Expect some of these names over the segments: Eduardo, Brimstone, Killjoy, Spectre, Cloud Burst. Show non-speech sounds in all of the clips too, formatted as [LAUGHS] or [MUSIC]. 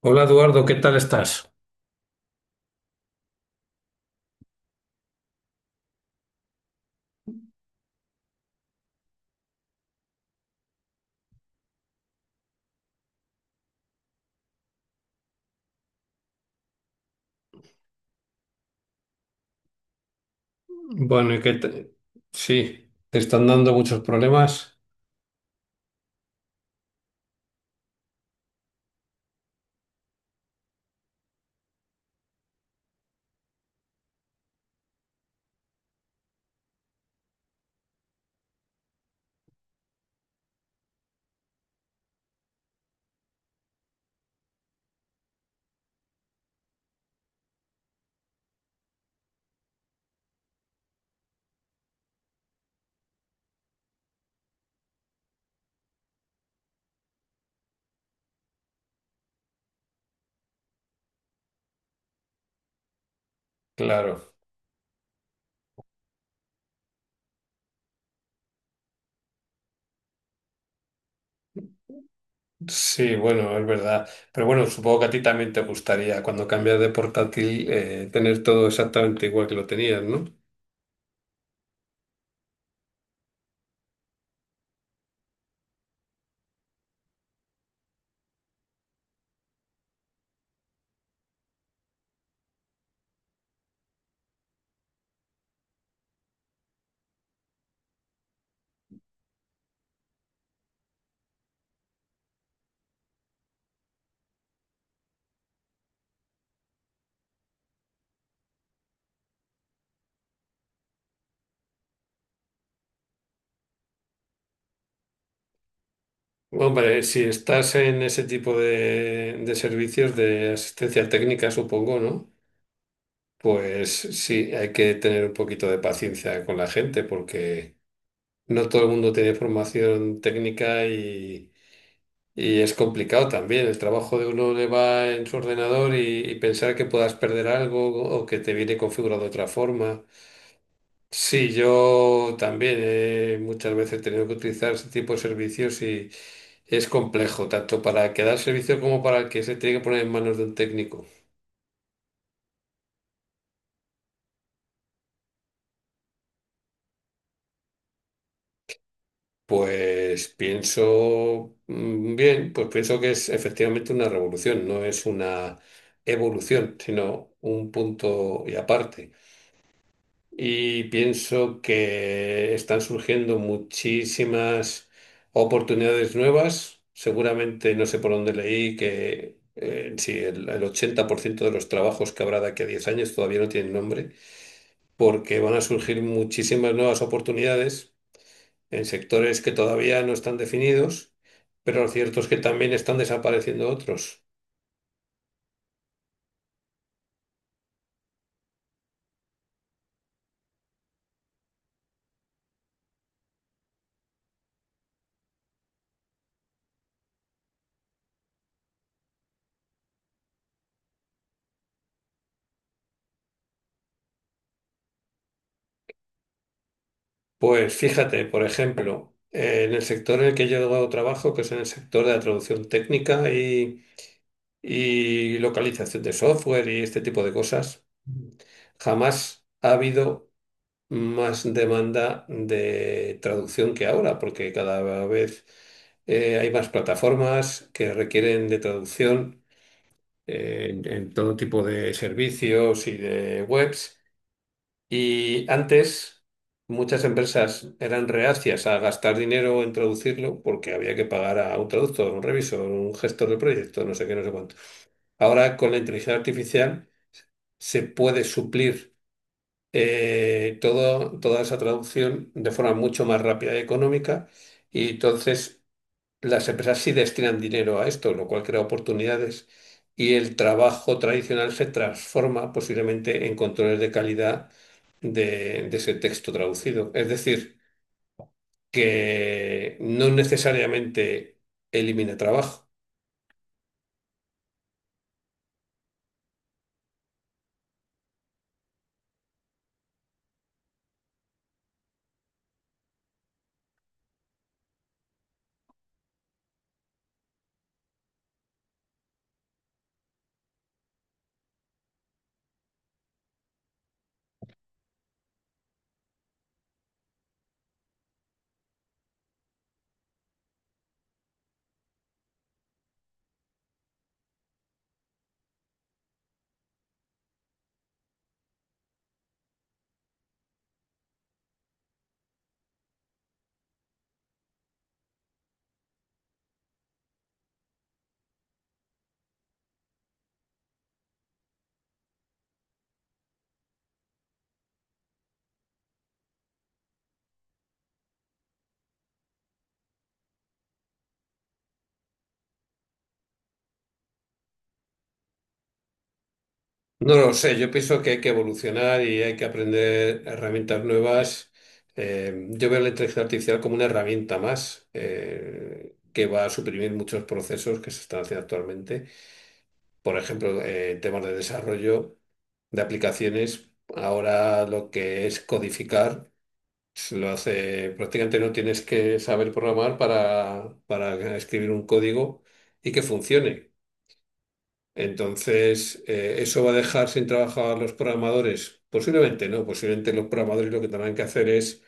Hola Eduardo, ¿qué tal estás? Bueno, ¿y qué te- Sí, te están dando muchos problemas. Claro, sí, bueno, es verdad. Pero bueno, supongo que a ti también te gustaría cuando cambias de portátil, tener todo exactamente igual que lo tenías, ¿no? Hombre, si estás en ese tipo de servicios de asistencia técnica, supongo, ¿no? Pues sí, hay que tener un poquito de paciencia con la gente porque no todo el mundo tiene formación técnica. Y... Y es complicado también, el trabajo de uno le va en su ordenador y pensar que puedas perder algo o que te viene configurado de otra forma. Sí, yo también, he muchas veces he tenido que utilizar ese tipo de servicios y es complejo, tanto para el que da el servicio como para el que se tiene que poner en manos de un técnico. Pues pienso, bien, pues pienso que es efectivamente una revolución, no es una evolución, sino un punto y aparte. Y pienso que están surgiendo muchísimas oportunidades nuevas. Seguramente, no sé por dónde leí, que sí, el 80% de los trabajos que habrá de aquí a 10 años todavía no tienen nombre, porque van a surgir muchísimas nuevas oportunidades en sectores que todavía no están definidos, pero lo cierto es que también están desapareciendo otros. Pues fíjate, por ejemplo, en el sector en el que yo trabajo, que es en el sector de la traducción técnica y localización de software y este tipo de cosas, jamás ha habido más demanda de traducción que ahora, porque cada vez hay más plataformas que requieren de traducción, en todo tipo de servicios y de webs. Y antes muchas empresas eran reacias a gastar dinero en traducirlo porque había que pagar a un traductor, un revisor, un gestor de proyecto, no sé qué, no sé cuánto. Ahora con la inteligencia artificial se puede suplir, toda esa traducción de forma mucho más rápida y económica, y entonces las empresas sí destinan dinero a esto, lo cual crea oportunidades, y el trabajo tradicional se transforma posiblemente en controles de calidad de ese texto traducido. Es decir, que no necesariamente elimina trabajo. No lo sé, yo pienso que hay que evolucionar y hay que aprender herramientas nuevas. Yo veo la inteligencia artificial como una herramienta más, que va a suprimir muchos procesos que se están haciendo actualmente. Por ejemplo, en temas de desarrollo de aplicaciones, ahora lo que es codificar, se lo hace, prácticamente no tienes que saber programar para escribir un código y que funcione. Entonces, ¿eso va a dejar sin trabajo a los programadores? Posiblemente no, posiblemente los programadores lo que tendrán que hacer es,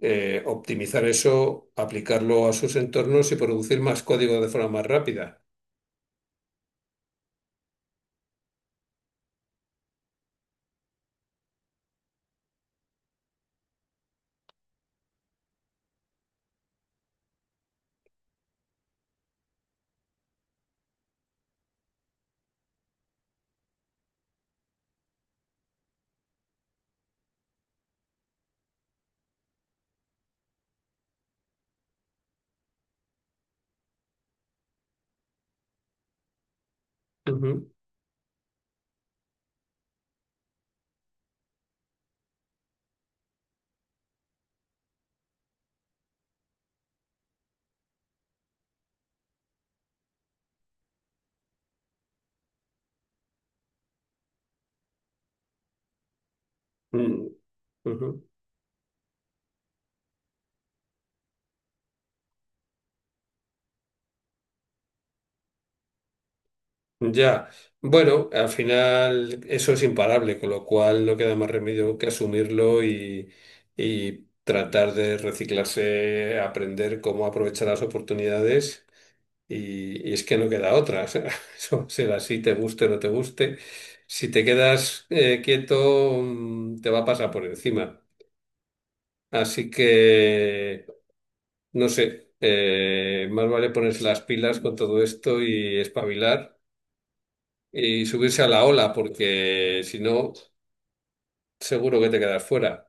optimizar eso, aplicarlo a sus entornos y producir más código de forma más rápida. Ujú, mm, ujú. Ya, bueno, al final eso es imparable, con lo cual no queda más remedio que asumirlo, y tratar de reciclarse, aprender cómo aprovechar las oportunidades. Y es que no queda otra. [LAUGHS] O sea, eso será así, te guste o no te guste. Si te quedas, quieto, te va a pasar por encima. Así que, no sé, más vale ponerse las pilas con todo esto y espabilar y subirse a la ola, porque si no, seguro que te quedas fuera.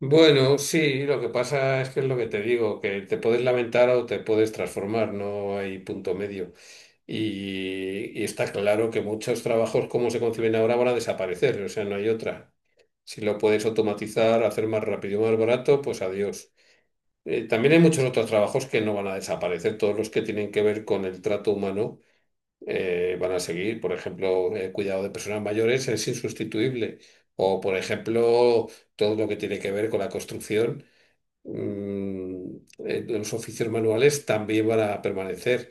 Bueno, sí, lo que pasa es que es lo que te digo, que te puedes lamentar o te puedes transformar, no hay punto medio. Y está claro que muchos trabajos como se conciben ahora van a desaparecer, o sea, no hay otra. Si lo puedes automatizar, hacer más rápido y más barato, pues adiós. También hay muchos otros trabajos que no van a desaparecer, todos los que tienen que ver con el trato humano, van a seguir. Por ejemplo, el cuidado de personas mayores es insustituible. O, por ejemplo, todo lo que tiene que ver con la construcción, mm, los oficios manuales también van a permanecer.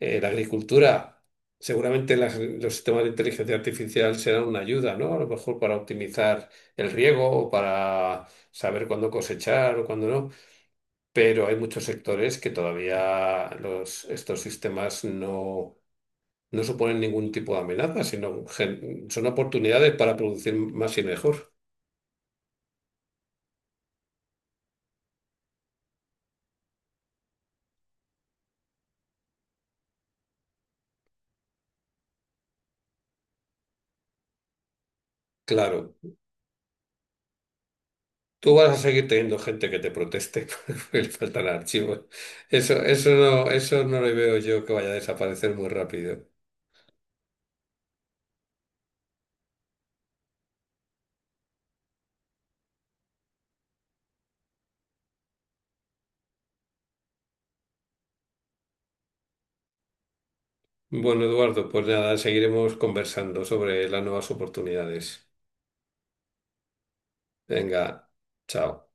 La agricultura, seguramente los sistemas de inteligencia artificial serán una ayuda, ¿no? A lo mejor para optimizar el riego o para saber cuándo cosechar o cuándo no, pero hay muchos sectores que todavía los, estos sistemas no, no suponen ningún tipo de amenaza, sino son oportunidades para producir más y mejor. Claro. Tú vas a seguir teniendo gente que te proteste [LAUGHS] porque le faltan archivos. Eso, eso no le veo yo que vaya a desaparecer muy rápido. Bueno, Eduardo, pues nada, seguiremos conversando sobre las nuevas oportunidades. Venga, chao.